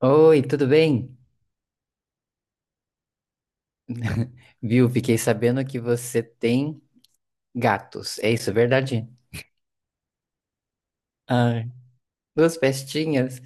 Oi, tudo bem? Viu? Fiquei sabendo que você tem gatos. É isso, é verdade? Ah, duas pestinhas.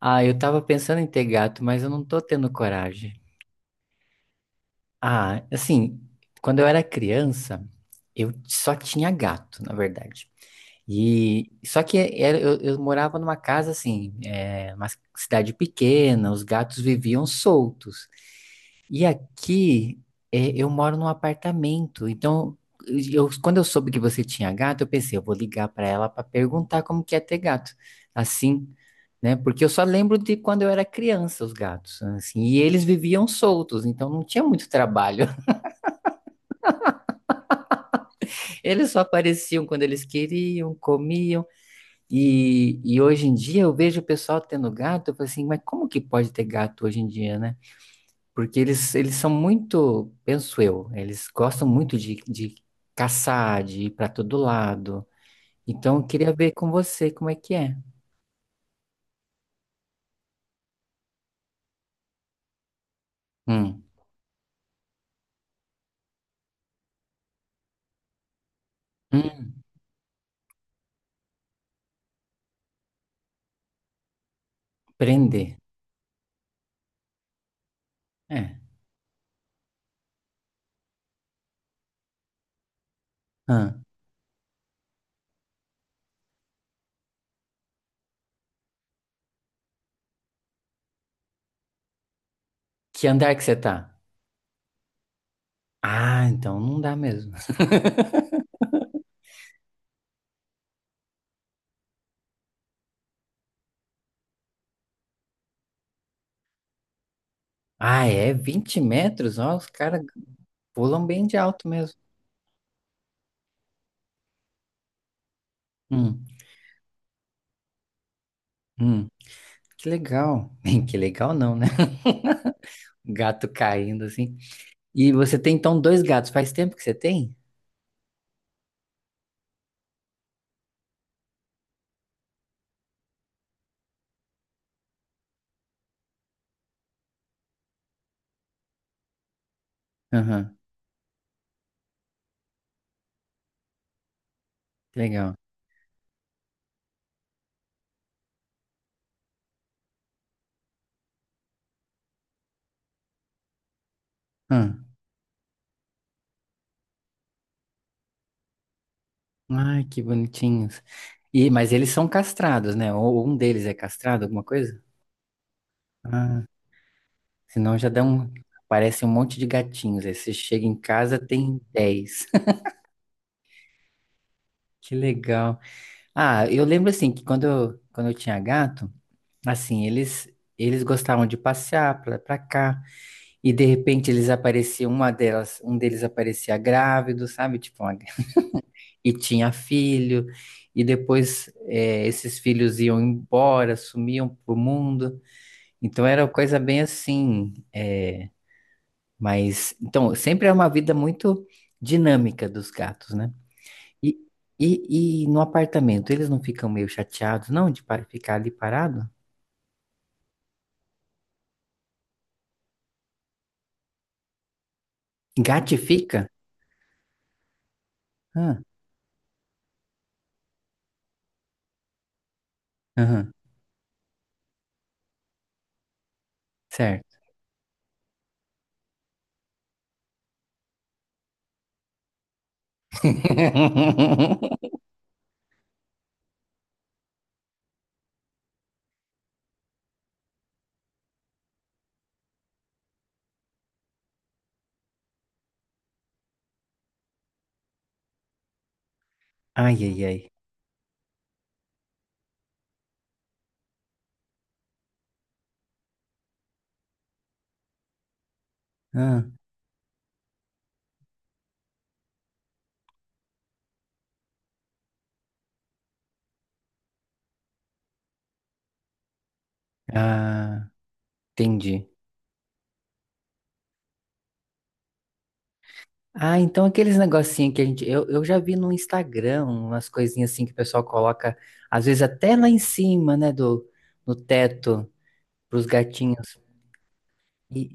Ah, eu tava pensando em ter gato, mas eu não tô tendo coragem. Ah, assim, quando eu era criança, eu só tinha gato, na verdade. E só que eu morava numa casa assim, é, uma cidade pequena, os gatos viviam soltos. E aqui é, eu moro num apartamento, então quando eu soube que você tinha gato, eu pensei, eu vou ligar para ela para perguntar como que é ter gato, assim, né? Porque eu só lembro de quando eu era criança os gatos, assim, e eles viviam soltos, então não tinha muito trabalho. Eles só apareciam quando eles queriam, comiam. E hoje em dia eu vejo o pessoal tendo gato, eu falo assim, mas como que pode ter gato hoje em dia, né? Porque eles são muito, penso eu, eles gostam muito de caçar, de ir para todo lado. Então eu queria ver com você como é que é. Hum, hum, prender. É. Hum. Que andar que você tá? Ah, então não dá mesmo. Ah, é 20 metros? Ó, os caras pulam bem de alto mesmo. Hum, hum. Que legal. Que legal não, né? Gato caindo assim. E você tem então dois gatos. Faz tempo que você tem? Aham, que legal. Ah, ai, que bonitinhos. E, mas eles são castrados, né? Ou um deles é castrado, alguma coisa? Ah, senão já dá um. Parece um monte de gatinhos. Aí você chega em casa, tem 10. Que legal. Ah, eu lembro assim que quando eu tinha gato, assim, eles gostavam de passear pra cá e de repente eles apareciam, uma delas, um deles aparecia grávido, sabe? Tipo, e tinha filho, e depois esses filhos iam embora, sumiam pro mundo. Então era uma coisa bem assim, mas então sempre é uma vida muito dinâmica dos gatos, né? E, e no apartamento, eles não ficam meio chateados, não, de ficar ali parado? Gatifica? Ah, aham, certo. Ai, ai, ai. Ah, ah, entendi. Ah, então aqueles negocinhos que a gente. Eu já vi no Instagram umas coisinhas assim que o pessoal coloca, às vezes até lá em cima, né, do, no teto, pros gatinhos. E,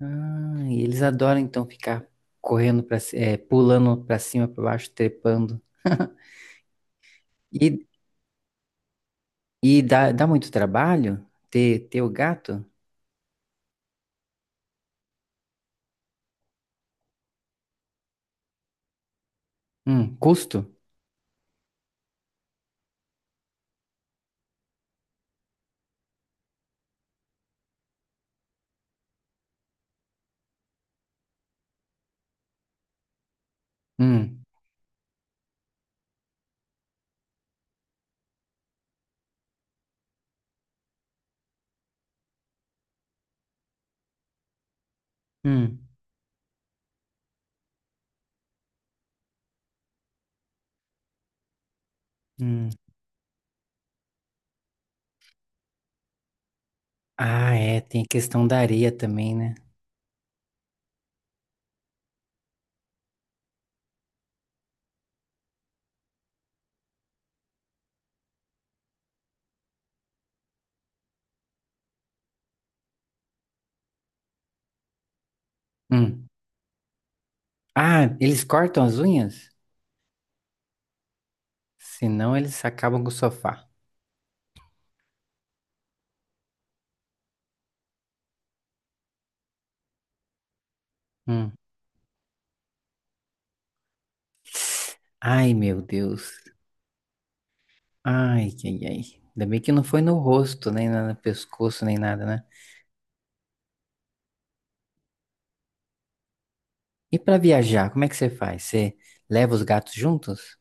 ah, e eles adoram então ficar correndo para pulando pra cima, pra baixo, trepando. E, e dá muito trabalho ter o gato? Custo? Hum, hum, hum. Ah, é, tem a questão da areia também, né? Hum. Ah, eles cortam as unhas? Senão eles acabam com o sofá. Hum. Ai, meu Deus. Ai, ai, ai. Ainda bem que não foi no rosto, nem na- no pescoço, nem nada, né? E pra viajar, como é que você faz? Você leva os gatos juntos?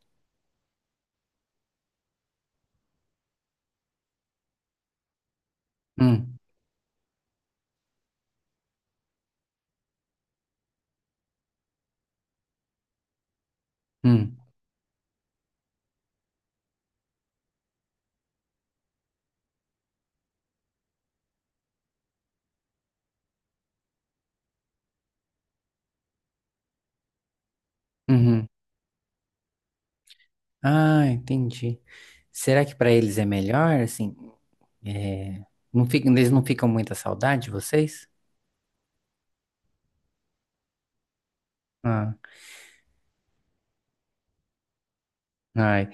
Hum, hum, uhum. Ah, entendi. Será que pra eles é melhor, assim? É... Não fica... Eles não ficam muita saudade de vocês? Ah, ai.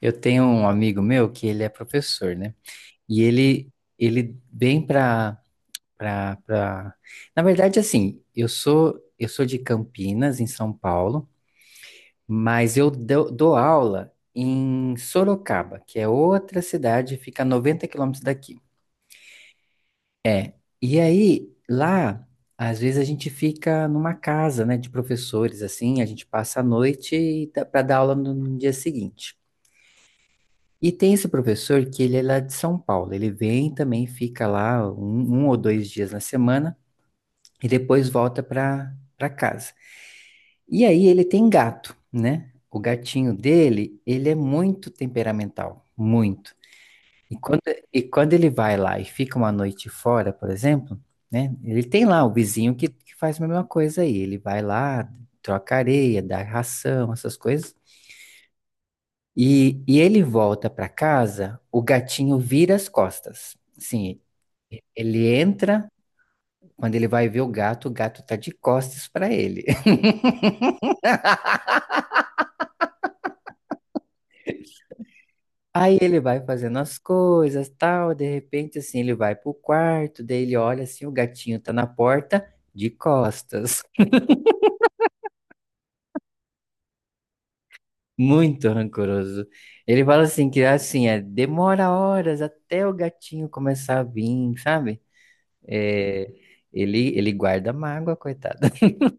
Eu tenho um amigo meu que ele é professor, né? E ele vem pra... Na verdade, assim, eu sou de Campinas, em São Paulo, mas eu dou, dou aula em Sorocaba, que é outra cidade, fica a 90 quilômetros daqui. É, e aí, lá, às vezes a gente fica numa casa, né, de professores, assim, a gente passa a noite para dar aula no dia seguinte. E tem esse professor que ele é lá de São Paulo. Ele vem também, fica lá um ou dois dias na semana e depois volta para casa. E aí ele tem gato, né? O gatinho dele, ele é muito temperamental, muito. E quando, e quando ele vai lá e fica uma noite fora, por exemplo, né? Ele tem lá o vizinho que faz a mesma coisa aí. Ele vai lá, troca areia, dá ração, essas coisas. E ele volta para casa, o gatinho vira as costas. Sim, ele entra, quando ele vai ver o gato tá de costas para ele. Aí ele vai fazendo as coisas, tal, de repente assim, ele vai pro quarto, daí ele olha assim, o gatinho tá na porta de costas. Muito rancoroso. Ele fala assim que assim, é, demora horas até o gatinho começar a vir, sabe? É, ele guarda mágoa, coitado.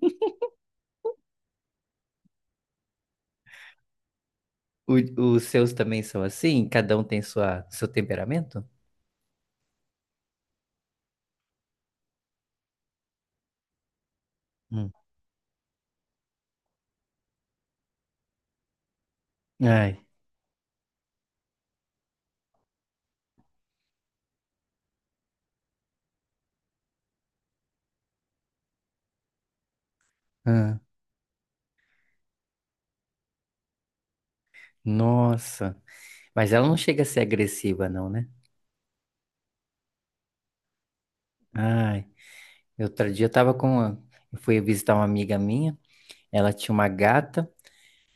O- os seus também são assim? Cada um tem sua, seu temperamento? Hum. Ai, ah, nossa. Mas ela não chega a ser agressiva, não, né? Ai. Outro dia eu tava com uma... Eu fui visitar uma amiga minha. Ela tinha uma gata.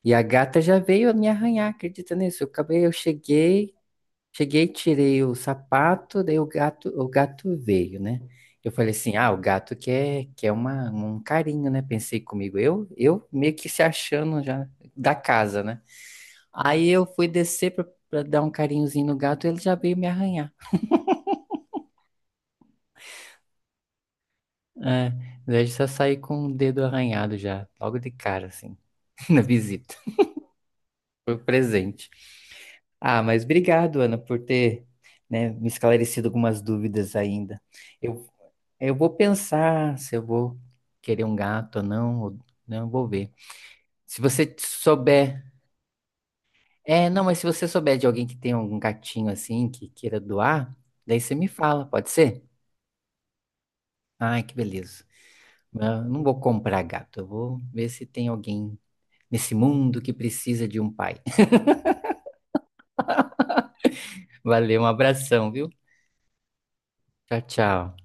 E a gata já veio me arranhar, acredita nisso? Eu acabei, eu cheguei. Cheguei, tirei o sapato, daí o gato veio, né? Eu falei assim, ah, o gato quer, quer uma, um carinho, né? Pensei comigo, eu meio que se achando já da casa, né? Aí eu fui descer pra dar um carinhozinho no gato, ele já veio me arranhar. É, daí eu já saí com o dedo arranhado já, logo de cara, assim, na visita. Foi o presente. Ah, mas obrigado, Ana, por ter, né, me esclarecido algumas dúvidas ainda. Eu Eu vou pensar se eu vou querer um gato ou não, vou ver. Se você souber. É, não, mas se você souber de alguém que tem algum gatinho assim, que queira doar, daí você me fala, pode ser? Ai, que beleza. Eu não vou comprar gato, eu vou ver se tem alguém nesse mundo que precisa de um pai. Valeu, um abração, viu? Tchau, tchau.